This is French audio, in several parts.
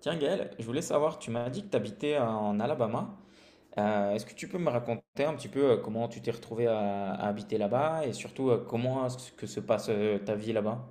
Tiens Gaël, je voulais savoir, tu m'as dit que tu habitais en Alabama. Est-ce que tu peux me raconter un petit peu comment tu t'es retrouvé à habiter là-bas et surtout comment est-ce que se passe ta vie là-bas?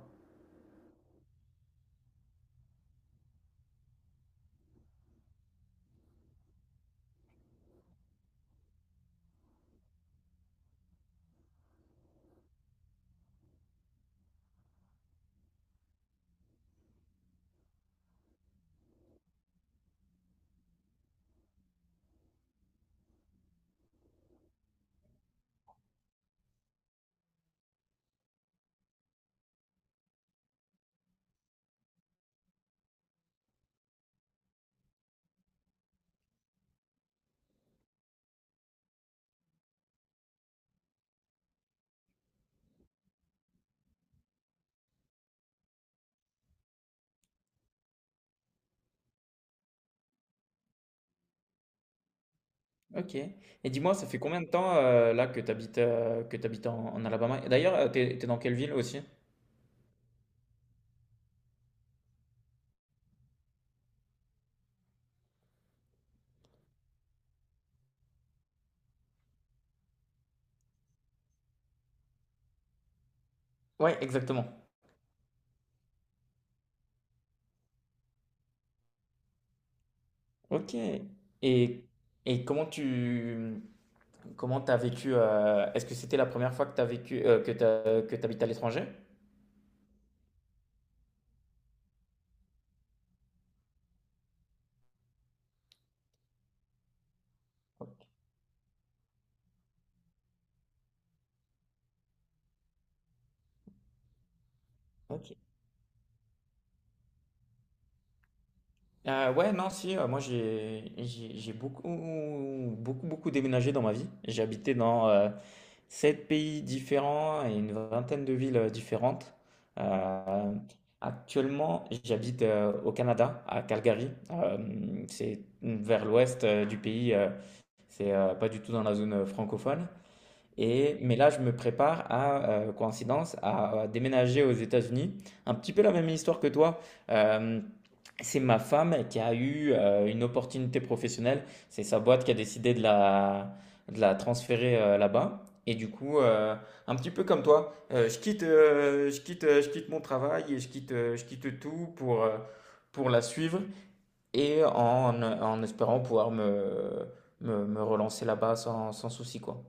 Ok. Et dis-moi, ça fait combien de temps là que tu habites, en Alabama? Et d'ailleurs, t'es dans quelle ville aussi? Ouais, exactement. Ok. Et, et comment t'as vécu est-ce que c'était la première fois que t'as vécu que t'habites à l'étranger? Ok. Ouais, non, si, moi j'ai beaucoup, beaucoup, beaucoup déménagé dans ma vie. J'ai habité dans sept pays différents et une vingtaine de villes différentes. Euh, Actuellement, j'habite au Canada, à Calgary. C'est vers l'ouest du pays, c'est pas du tout dans la zone francophone. Mais là, je me prépare à, coïncidence, à déménager aux États-Unis. Un petit peu la même histoire que toi. Euh, c'est ma femme qui a eu une opportunité professionnelle. C'est sa boîte qui a décidé de la transférer là-bas. Et du coup, un petit peu comme toi, je quitte mon travail et je quitte tout pour la suivre et en espérant pouvoir me relancer là-bas sans souci, quoi.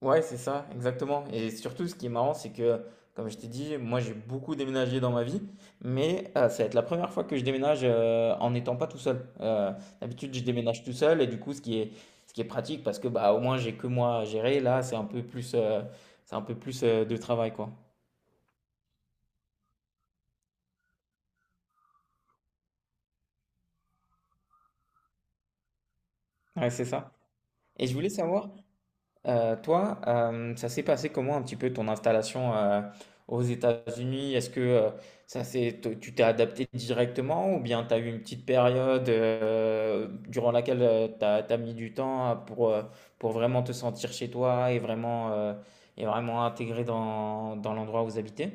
Ouais, c'est ça, exactement. Et surtout, ce qui est marrant, c'est que, comme je t'ai dit, moi j'ai beaucoup déménagé dans ma vie, mais ça va être la première fois que je déménage en n'étant pas tout seul. D'habitude, je déménage tout seul, et du coup, ce qui est pratique, parce que bah, au moins j'ai que moi à gérer, là, c'est un peu plus, c'est un peu plus de travail, quoi. Ouais, c'est ça. Et je voulais savoir, toi, ça s'est passé comment un petit peu ton installation aux États-Unis? Est-ce que tu t'es adapté directement ou bien tu as eu une petite période durant laquelle mis du temps pour vraiment te sentir chez toi et vraiment intégré dans l'endroit où vous habitez?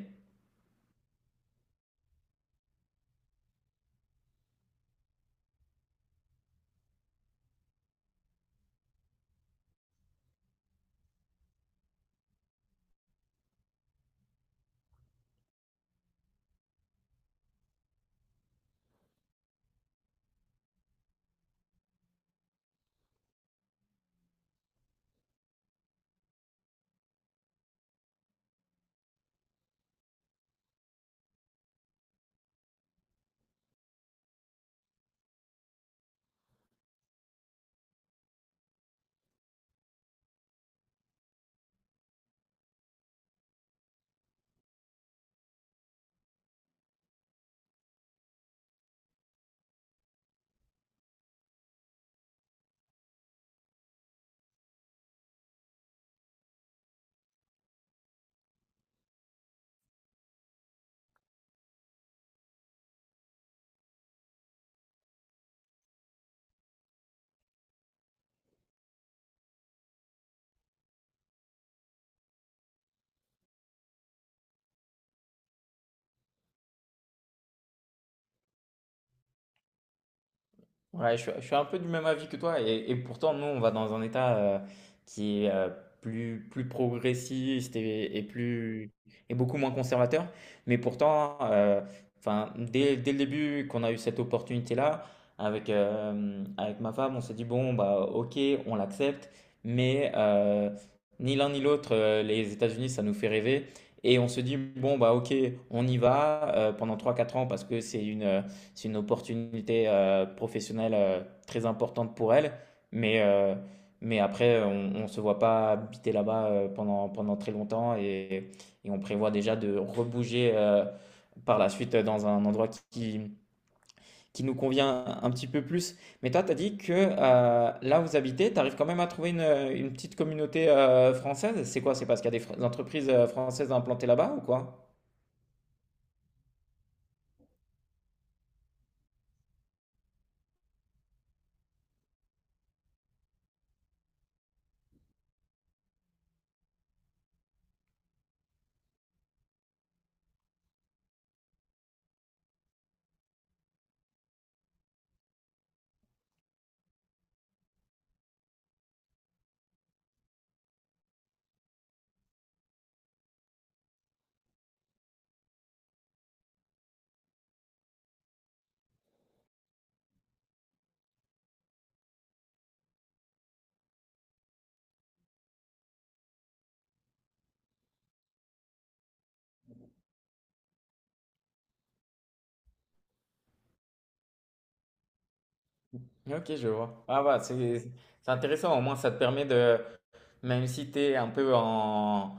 Ouais, je suis un peu du même avis que toi. Et pourtant, nous, on va dans un état qui est plus progressiste et et beaucoup moins conservateur. Mais pourtant, enfin, dès le début qu'on a eu cette opportunité-là, avec ma femme, on s'est dit, bon, bah, ok, on l'accepte. Mais ni l'un ni l'autre, les États-Unis, ça nous fait rêver. Et on se dit, bon, bah, ok, on y va pendant trois quatre ans parce que c'est une opportunité professionnelle très importante pour elle. Mais, euh, mais après, on ne se voit pas habiter là-bas pendant très longtemps et on prévoit déjà de rebouger par la suite dans un endroit qui nous convient un petit peu plus. Mais toi, tu as dit que là où vous habitez, tu arrives quand même à trouver une petite communauté française. C'est quoi? C'est parce qu'il y a des entreprises françaises implantées là-bas ou quoi? Ok, je vois. Ah bah, c'est intéressant, au moins ça te permet de, même si tu es un peu en,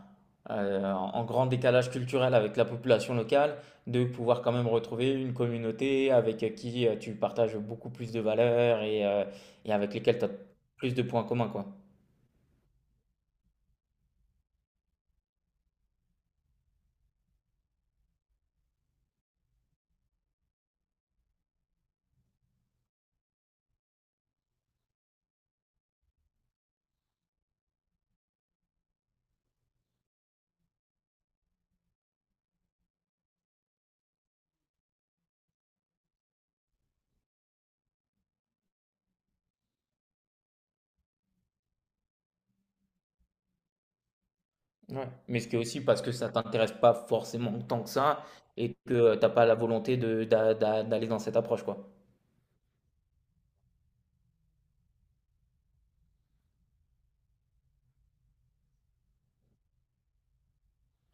euh, en grand décalage culturel avec la population locale, de pouvoir quand même retrouver une communauté avec qui tu partages beaucoup plus de valeurs et et avec lesquelles tu as plus de points communs, quoi. Ouais. Mais c'est aussi parce que ça t'intéresse pas forcément tant que ça et que tu t'as pas la volonté de, d'aller dans cette approche, quoi.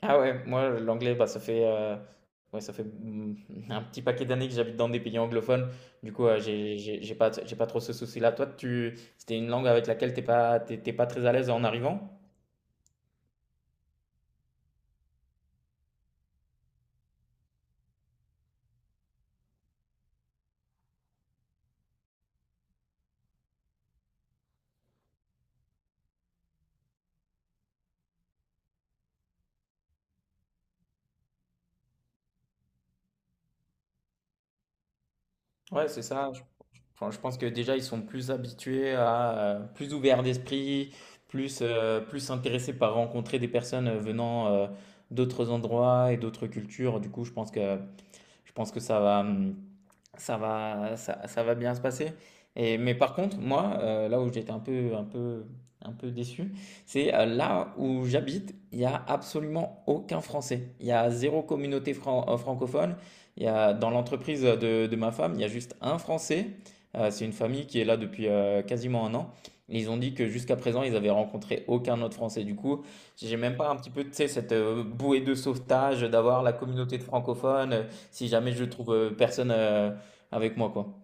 Ah ouais, moi l'anglais, bah, ça fait, ouais, ça fait un petit paquet d'années que j'habite dans des pays anglophones. Du coup, j'ai pas trop ce souci-là. C'était une langue avec laquelle t'es pas très à l'aise en arrivant? Ouais, c'est ça. Enfin, je pense que déjà, ils sont plus habitués plus ouverts d'esprit, plus intéressés par rencontrer des personnes venant, d'autres endroits et d'autres cultures. Du coup, je pense que ça va bien se passer. Mais par contre, moi, là où j'étais un peu déçu, c'est là où j'habite, il n'y a absolument aucun Français. Il y a zéro communauté francophone. Il y a, dans l'entreprise de ma femme, il y a juste un Français. C'est une famille qui est là depuis quasiment un an. Ils ont dit que jusqu'à présent, ils avaient rencontré aucun autre Français. Du coup, j'ai même pas un petit peu, tu sais, cette bouée de sauvetage d'avoir la communauté de francophones. Si jamais je trouve personne avec moi, quoi.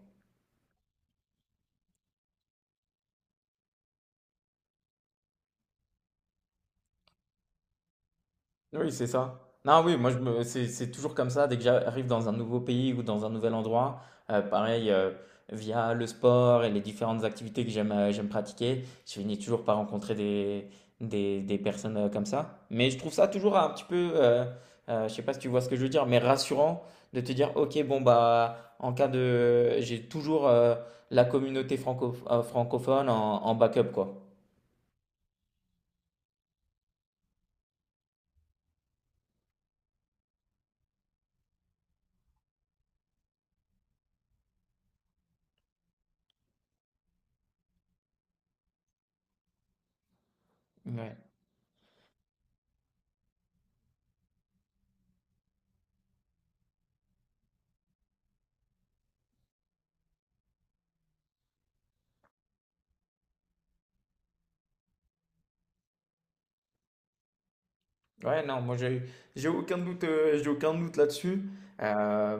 Oui, c'est ça. Non, oui, moi, je me... c'est toujours comme ça. Dès que j'arrive dans un nouveau pays ou dans un nouvel endroit, pareil, via le sport et les différentes activités que j'aime pratiquer, je finis toujours par rencontrer des personnes comme ça. Mais je trouve ça toujours un petit peu, je sais pas si tu vois ce que je veux dire, mais rassurant de te dire, ok, bon, bah, en cas de... J'ai toujours la communauté francophone en backup, quoi. Ouais. Ouais, non, moi j'ai aucun doute, j'ai aucun doute là-dessus. Euh,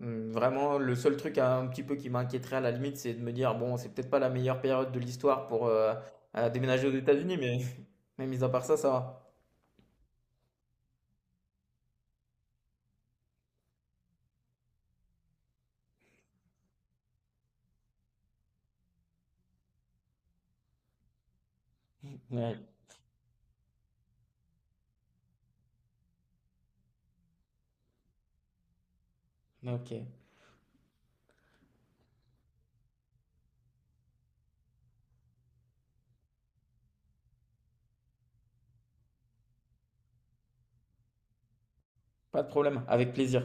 Vraiment, le seul truc un petit peu qui m'inquiéterait à la limite, c'est de me dire, bon, c'est peut-être pas la meilleure période de l'histoire pour déménager aux États-Unis, mais mis à part ça, ça va. Ouais, ok, pas de problème, avec plaisir.